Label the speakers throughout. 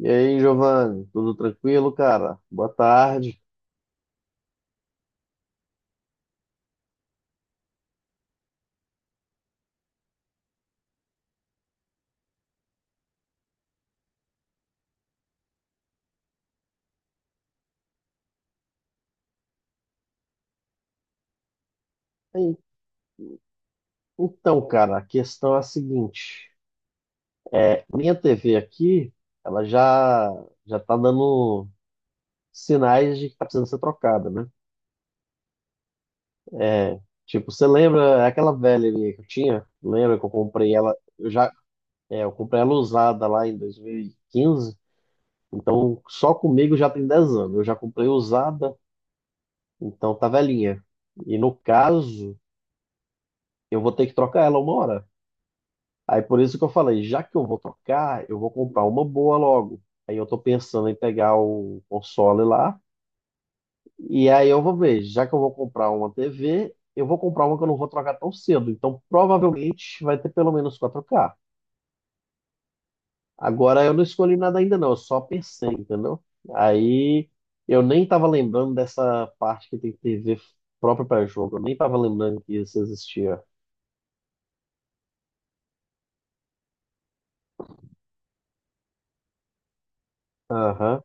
Speaker 1: E aí, Giovanni, tudo tranquilo, cara? Boa tarde. Ei, então, cara, a questão é a seguinte: minha TV aqui, ela já tá dando sinais de que tá precisando ser trocada, né? É, tipo, você lembra é aquela velha minha que eu tinha? Lembra que eu comprei ela? Eu comprei ela usada lá em 2015. Então, só comigo já tem 10 anos. Eu já comprei usada, então tá velhinha. E no caso, eu vou ter que trocar ela uma hora. Aí por isso que eu falei, já que eu vou tocar, eu vou comprar uma boa logo. Aí eu tô pensando em pegar o console lá, e aí eu vou ver, já que eu vou comprar uma TV, eu vou comprar uma que eu não vou trocar tão cedo. Então provavelmente vai ter pelo menos 4K. Agora eu não escolhi nada ainda não, eu só pensei, entendeu? Aí eu nem tava lembrando dessa parte que tem TV própria para jogo, eu nem tava lembrando que isso existia. Aham.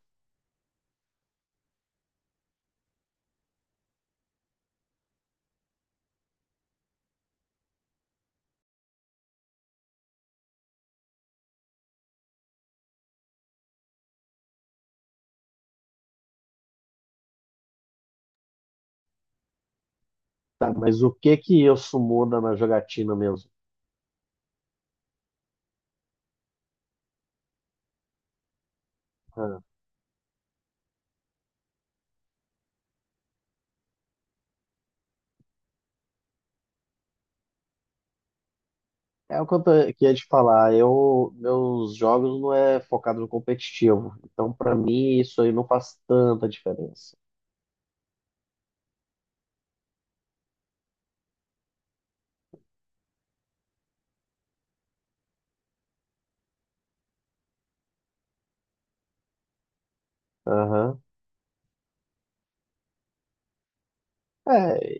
Speaker 1: Tá, mas o que que isso muda na jogatina mesmo? Ah. É o que que ia te falar. Eu, meus jogos não é focado no competitivo. Então, pra mim, isso aí não faz tanta diferença. Aham. É,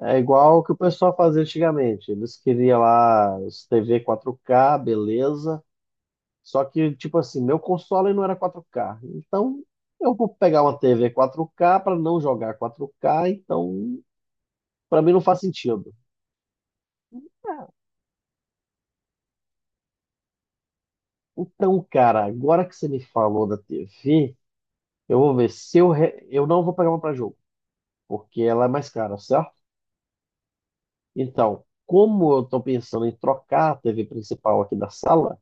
Speaker 1: é igual o que o pessoal fazia antigamente. Eles queriam lá os TV 4K, beleza. Só que, tipo assim, meu console não era 4K. Então, eu vou pegar uma TV 4K para não jogar 4K. Então, pra mim não faz sentido. Então, cara, agora que você me falou da TV, eu vou ver se eu não vou pegar uma para jogo, porque ela é mais cara, certo? Então, como eu estou pensando em trocar a TV principal aqui da sala,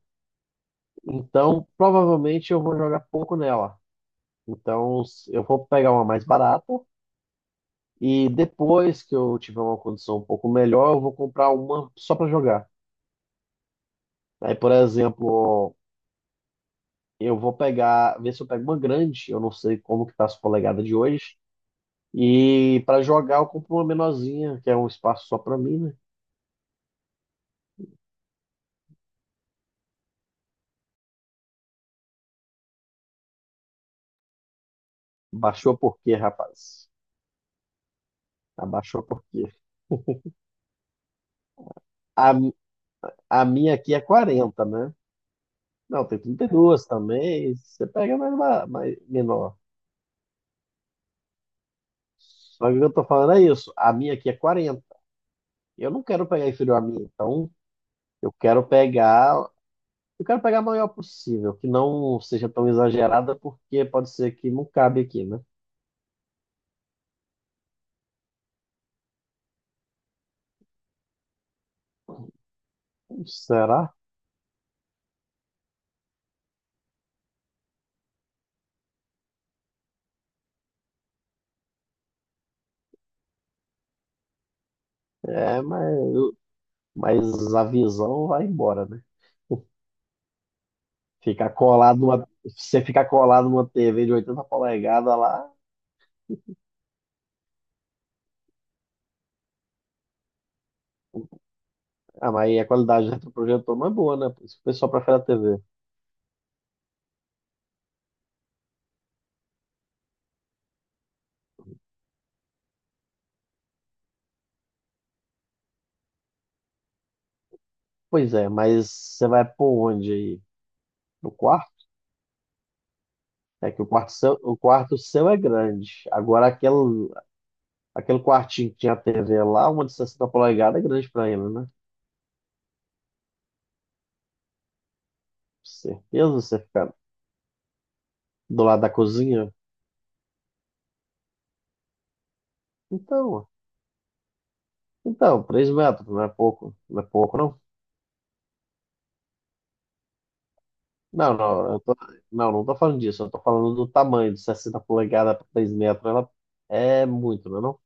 Speaker 1: então provavelmente eu vou jogar pouco nela. Então, eu vou pegar uma mais barata e depois que eu tiver uma condição um pouco melhor, eu vou comprar uma só para jogar. Aí, por exemplo, eu vou pegar, ver se eu pego uma grande, eu não sei como que tá as polegadas de hoje. E para jogar eu compro uma menorzinha, que é um espaço só para mim, né? Baixou por quê, rapaz? Abaixou por quê? A A minha aqui é 40, né? Não, tem 32 também. Você pega mais, mais menor. Só que o que eu tô falando é isso. A minha aqui é 40. Eu não quero pegar inferior à minha, então eu quero pegar. Eu quero pegar a maior possível, que não seja tão exagerada, porque pode ser que não cabe aqui, né? Será? É, mas a visão vai embora, né? Ficar colado numa, você ficar colado numa TV de 80 polegadas lá, ah, mas aí a qualidade do retroprojetor não é boa, né? Por isso que o pessoal prefere a TV. Pois é, mas você vai por onde aí? No quarto? É que o quarto seu é grande. Agora, aquele, aquele quartinho que tinha a TV lá, uma de 60 polegadas é grande pra ele, né? Certeza você fica do lado da cozinha? Então, então, 3 metros, não é pouco, não é pouco, não. Não, não, não, não tô falando disso, eu tô falando do tamanho de 60 polegadas para 3 metros, ela é muito, não é não?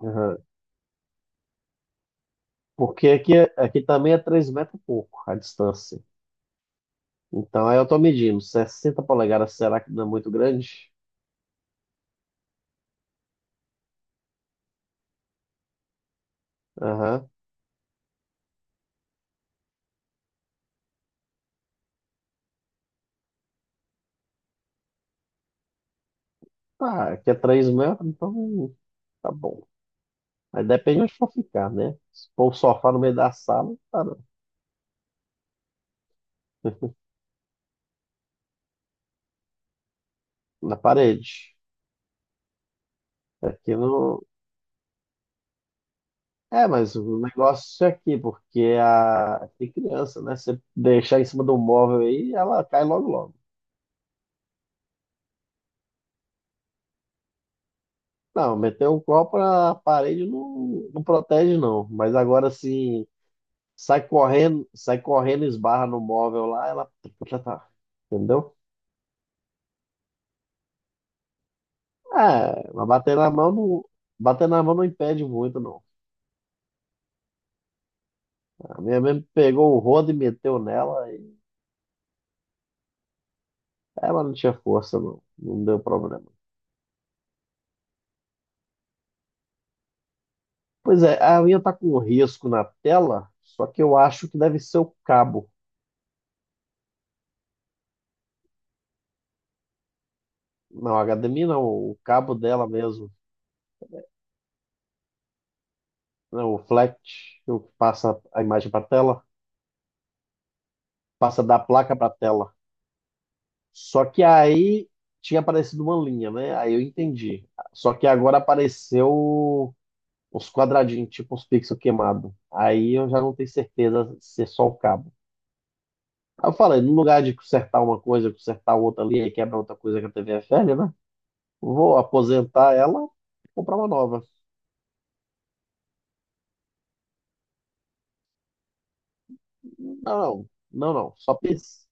Speaker 1: Aham. Porque aqui, aqui também é 3 metros e pouco a distância. Então, aí eu tô medindo. 60 polegadas, será que não é muito grande? Aham. Tá, aqui é 3 metros, então tá bom. Aí depende onde for ficar, né? Se for o sofá no meio da sala, tá não. Na parede. Aqui no... É, mas o negócio é aqui, porque a... tem criança, né? Você deixar em cima do móvel aí, ela cai logo logo. Não, meter um copo na parede não, não protege, não. Mas agora, assim, sai correndo, sai correndo, esbarra no móvel lá, ela. Já tá. Entendeu? É, mas bater na mão não. Bater na mão não impede muito, não. A minha mesmo pegou o rodo e meteu nela, e ela não tinha força, não. Não deu problema. Pois é, a minha tá com um risco na tela, só que eu acho que deve ser o cabo. Não, a HDMI não, o cabo dela mesmo. Não, o flat, o que passa a imagem para tela, passa da placa para tela. Só que aí tinha aparecido uma linha, né? Aí eu entendi. Só que agora apareceu uns quadradinhos, tipo uns pixels queimados. Aí eu já não tenho certeza se é só o cabo. Aí eu falei, no lugar de consertar uma coisa, consertar outra ali, aí quebra outra coisa que a TV é velha, né? Vou aposentar ela e comprar uma nova. Não, não, não. Só pensei,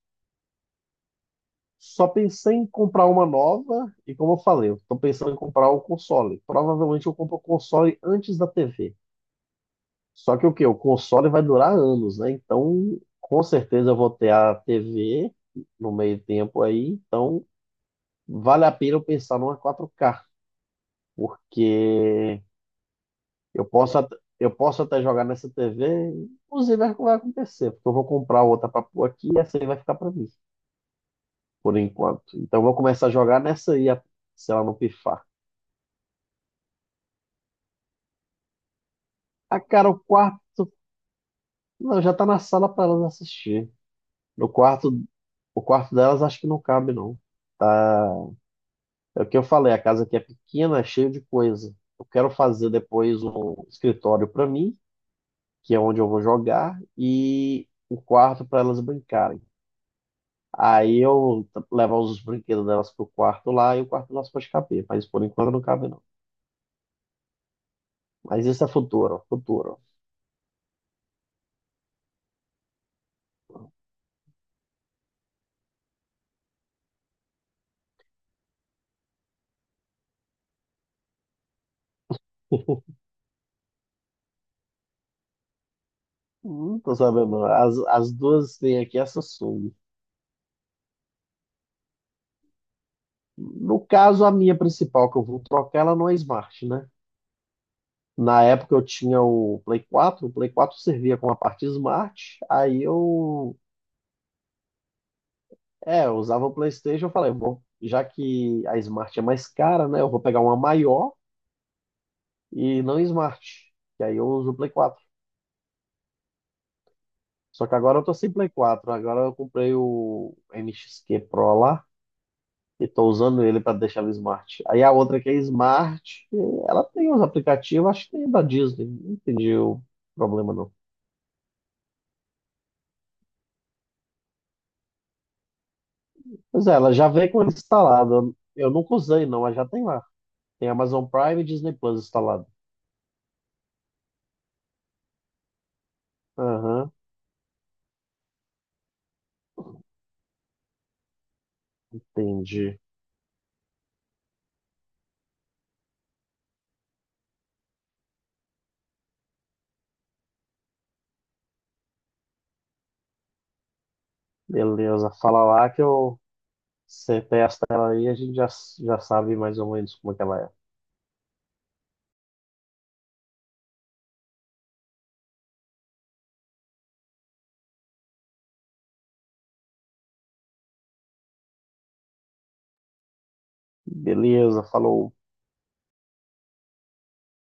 Speaker 1: só pensei em comprar uma nova e como eu falei, eu tô pensando em comprar o console. Provavelmente eu compro o console antes da TV. Só que o quê? O console vai durar anos, né? Então, com certeza eu vou ter a TV no meio tempo aí. Então, vale a pena eu pensar numa 4K, porque eu posso, at- eu posso até jogar nessa TV. Inclusive, é o que vai acontecer, porque eu vou comprar outra para pôr aqui e essa aí vai ficar para mim, por enquanto. Então, eu vou começar a jogar nessa aí, se ela não pifar. Ah, cara, o quarto. Não, já tá na sala para elas assistir. No quarto, o quarto delas acho que não cabe, não. É o que eu falei, a casa aqui é pequena, é cheia de coisa. Eu quero fazer depois um escritório para mim, que é onde eu vou jogar, e um quarto para elas brincarem. Aí levar os brinquedos delas pro quarto lá e o quarto nosso pode caber, mas por enquanto não cabe não. Mas isso é futuro, futuro. Não tô sabendo. As duas têm aqui essa Samsung. No caso, a minha principal que eu vou trocar, ela não é Smart, né? Na época eu tinha o Play 4, o Play 4 servia com a parte Smart, eu usava o PlayStation, eu falei, bom, já que a Smart é mais cara, né, eu vou pegar uma maior e não Smart, que aí eu uso o Play 4. Só que agora eu tô sem Play 4, agora eu comprei o MXQ Pro lá e tô usando ele para deixar o Smart. Aí a outra que é Smart, ela tem os aplicativos, acho que tem da Disney, não entendi o problema não. Pois é, ela já vem com ele instalado. Eu nunca usei, não, mas já tem lá. Tem Amazon Prime e Disney Plus instalado. Aham, entendi. Beleza, fala lá que eu você testa ela aí, a gente já sabe mais ou menos como é que ela é. Beleza, falou.